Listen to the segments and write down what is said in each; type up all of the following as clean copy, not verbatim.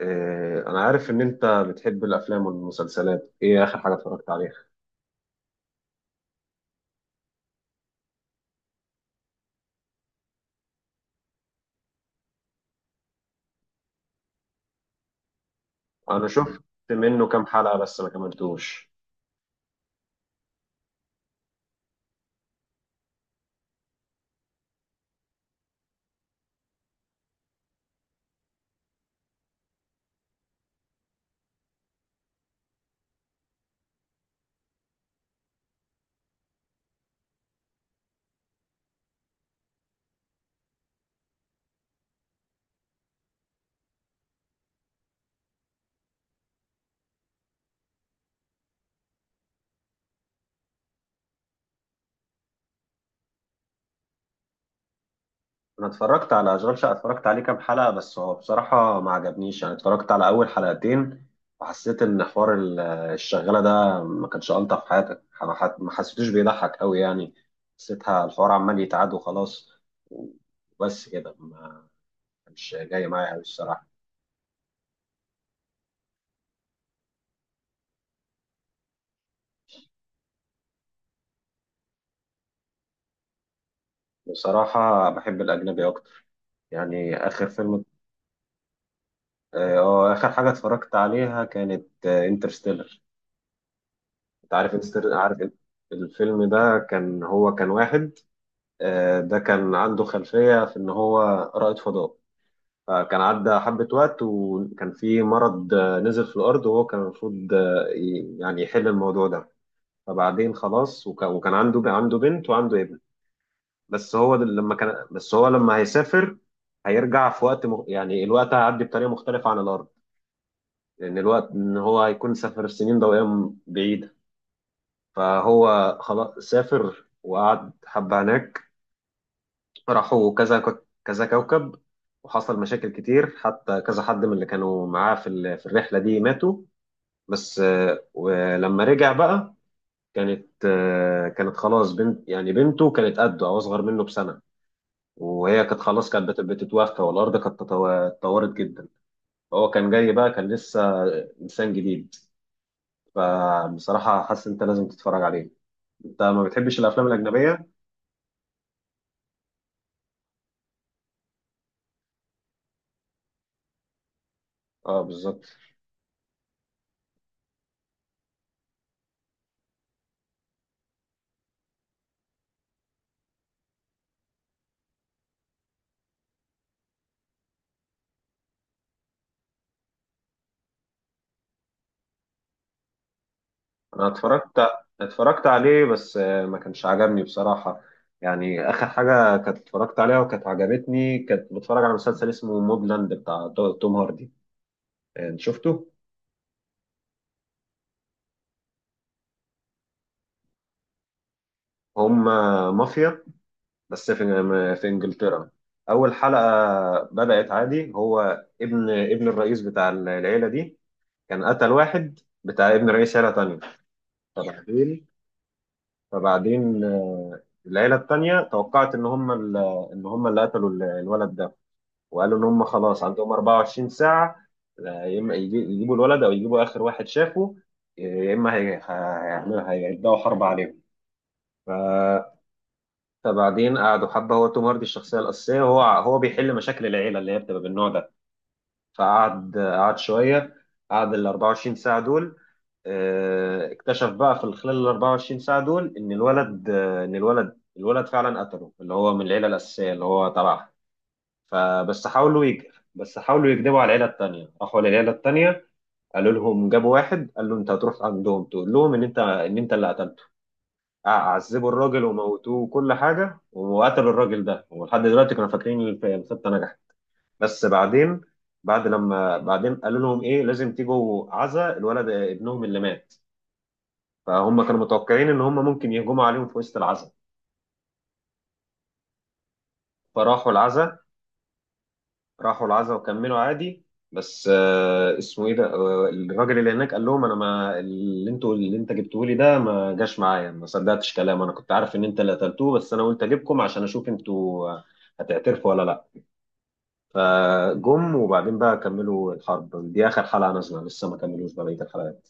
أنا عارف إن أنت بتحب الأفلام والمسلسلات، إيه آخر حاجة اتفرجت عليها؟ أنا شفت منه كام حلقة بس ما كملتوش. أنا اتفرجت على أشغال شقة، اتفرجت عليه كام حلقة، بس هو بصراحة ما عجبنيش، يعني اتفرجت على أول حلقتين وحسيت إن حوار الشغالة ده ما كانش ألطف في حياتك، ما حسيتوش بيضحك أوي يعني، حسيتها الحوار عمال يتعاد وخلاص. وبس كده ما كانش جاي معايا أوي الصراحة. بصراحة بحب الأجنبي أكتر. يعني آخر فيلم، اخر حاجه اتفرجت عليها كانت انترستيلر. انت عارف انترستيلر، عارف؟ الفيلم ده كان واحد، ده كان عنده خلفيه في ان هو رائد فضاء. فكان عدى حبه وقت، وكان في مرض، نزل في الارض، وهو كان المفروض يعني يحل الموضوع ده. فبعدين خلاص، وكان عنده بنت وعنده ابن. بس هو لما هيسافر، هيرجع في وقت يعني الوقت هيعدي بطريقه مختلفه عن الارض. لأن الوقت إن هو هيكون سافر السنين ضوئية بعيدة. فهو خلاص سافر وقعد حبة هناك، راحوا كذا كوكب. وحصل مشاكل كتير، حتى كذا حد من اللي كانوا معاه في الرحلة دي ماتوا. بس آه، ولما رجع بقى، كانت خلاص بنت، يعني بنته كانت قده أو أصغر منه بسنة. وهي كانت خلاص كانت بتتوفى، والأرض كانت اتطورت جدا. فهو كان جاي بقى، كان لسه إنسان جديد. فبصراحة حاسس إن أنت لازم تتفرج عليه. أنت ما بتحبش الأفلام الأجنبية؟ أه، بالظبط. أنا اتفرجت عليه، بس ما كانش عجبني بصراحة. يعني آخر حاجة كانت اتفرجت عليها وكانت عجبتني كانت بتفرج على مسلسل اسمه موبلاند بتاع توم هاردي. شفته؟ هم، مافيا، بس في إنجلترا. أول حلقة بدأت عادي، هو ابن الرئيس بتاع العيلة دي كان قتل واحد بتاع ابن رئيس عيلة تانية. فبعدين فبعدين العيلة التانية توقعت إن هم اللي قتلوا الولد ده، وقالوا إن هم خلاص عندهم 24 ساعة، يا إما يجيبوا الولد أو يجيبوا آخر واحد شافه، يا إما هي- هيعملوا هيبدأوا حرب عليهم. ف- فبعدين قعدوا حبة، هو توم هاردي الشخصية الأساسية، هو بيحل مشاكل العيلة اللي هي بتبقى بالنوع ده. فقعد شويه، قعد ال 24 ساعه دول. اكتشف بقى في خلال ال 24 ساعه دول ان الولد فعلا قتله اللي هو من العيله الاساسيه اللي هو تبعها. فبس حاولوا يج... بس حاولوا يكذبوا على العيله التانيه، راحوا للعيله التانيه، قالوا لهم، جابوا واحد قال له: انت هتروح عندهم تقول لهم ان انت اللي قتلته. عذبوا الراجل وموتوه وكل حاجه، وقتلوا الراجل ده، ولحد دلوقتي كانوا فاكرين إن الخطه نجحت. بس بعدين، بعدين قالوا لهم: ايه لازم تيجوا عزا الولد ابنهم اللي مات. فهم كانوا متوقعين ان هم ممكن يهجموا عليهم في وسط العزا. فراحوا العزا راحوا العزا وكملوا عادي. بس اسمه ايه ده، الراجل اللي هناك قال لهم: انا، ما اللي انتوا، اللي انت جبتوه لي ده ما جاش معايا، ما صدقتش كلامه. انا كنت عارف ان انت اللي قتلتوه، بس انا قلت اجيبكم عشان اشوف انتوا هتعترفوا ولا لا. فجم، وبعدين بقى كملوا الحرب دي. اخر حلقه نازله لسه، ما كملوش بقيه الحلقات.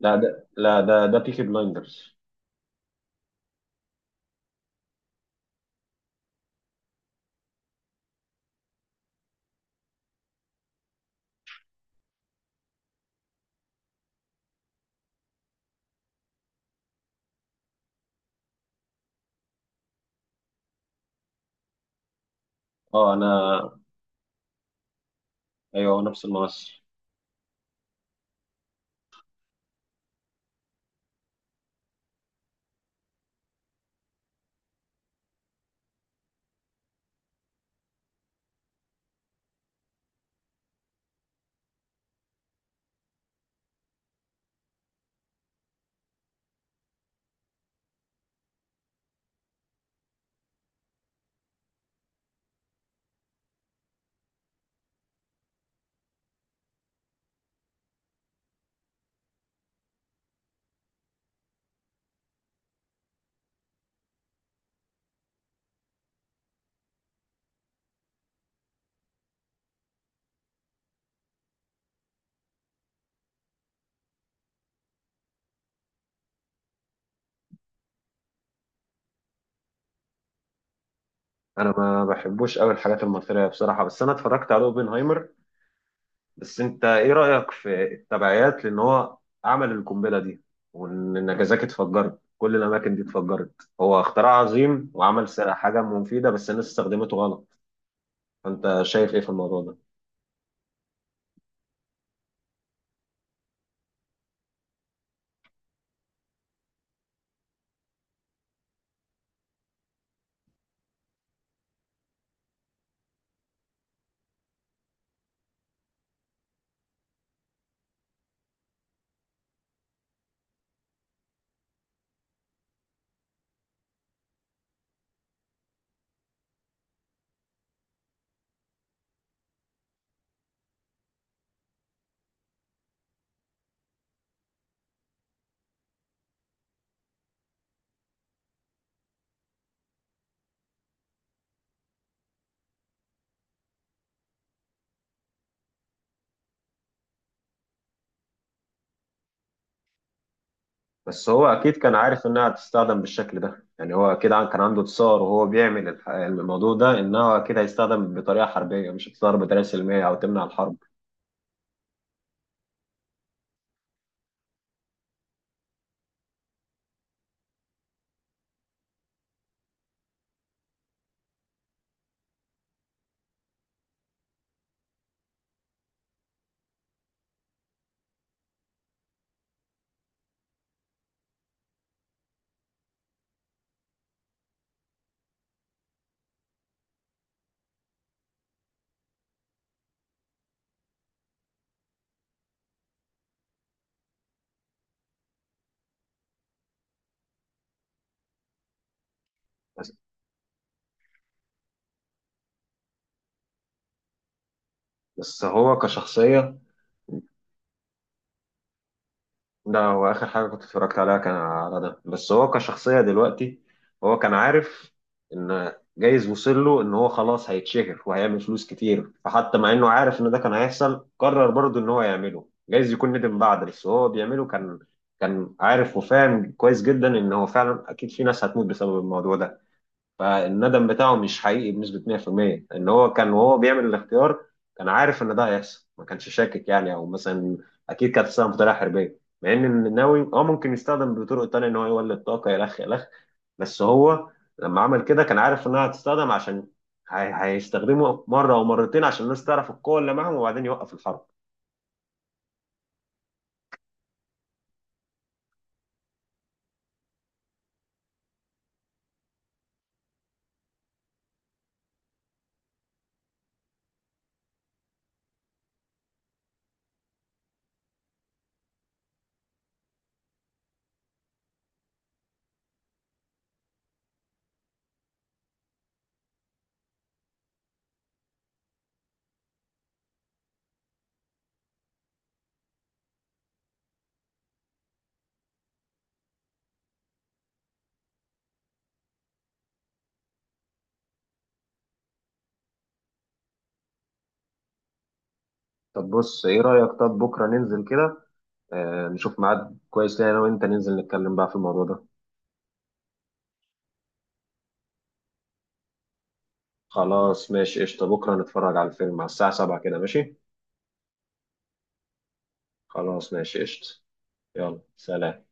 لا، ده بيكي بلايندرز. اه، انا. ايوه، هو نفس الممثل. انا ما بحبوش قوي الحاجات المثيرة بصراحة، بس انا اتفرجت على اوبنهايمر. بس انت ايه رأيك في التبعيات؟ لان هو عمل القنبلة دي، وان نجازاكي اتفجرت، كل الاماكن دي اتفجرت. هو اختراع عظيم وعمل حاجة مفيدة، بس الناس استخدمته غلط. فانت شايف ايه في الموضوع ده؟ بس هو اكيد كان عارف انها هتستخدم بالشكل ده. يعني هو اكيد كان عنده تصور وهو بيعمل الموضوع ده، انها اكيد هيستخدم بطريقه حربيه، مش هتستخدم بطريقه سلميه او تمنع الحرب. بس, بس هو كشخصيه، ده هو آخر حاجة كنت اتفرجت عليها كان على ده، بس هو كشخصية دلوقتي. هو كان عارف إن جايز وصل له إن هو خلاص هيتشهر وهيعمل فلوس كتير، فحتى مع إنه عارف إن ده كان هيحصل قرر برضه إن هو يعمله. جايز يكون ندم بعد، بس هو بيعمله كان كان عارف وفاهم كويس جدا إن هو فعلا أكيد في ناس هتموت بسبب الموضوع ده. فالندم بتاعه مش حقيقي بنسبة 100% ان هو، كان وهو بيعمل الاختيار كان عارف ان ده هيحصل، ما كانش شاكك يعني او مثلا، اكيد كانت تستخدم بطريقة حربية، مع ان النووي ممكن يستخدم بطرق تانية ان هو يولد طاقة الخ الخ. بس هو لما عمل كده كان عارف انها هتستخدم، عشان هيستخدمه مرة او مرتين عشان الناس تعرف القوة اللي معاهم وبعدين يوقف الحرب. طب بص ايه رأيك، طب بكرة ننزل كده، نشوف ميعاد كويس لينا انا وانت ننزل نتكلم بقى في الموضوع ده. خلاص ماشي قشطة، بكرة نتفرج على الفيلم على الساعة 7 كده، ماشي؟ خلاص ماشي قشطة. يلا سلام.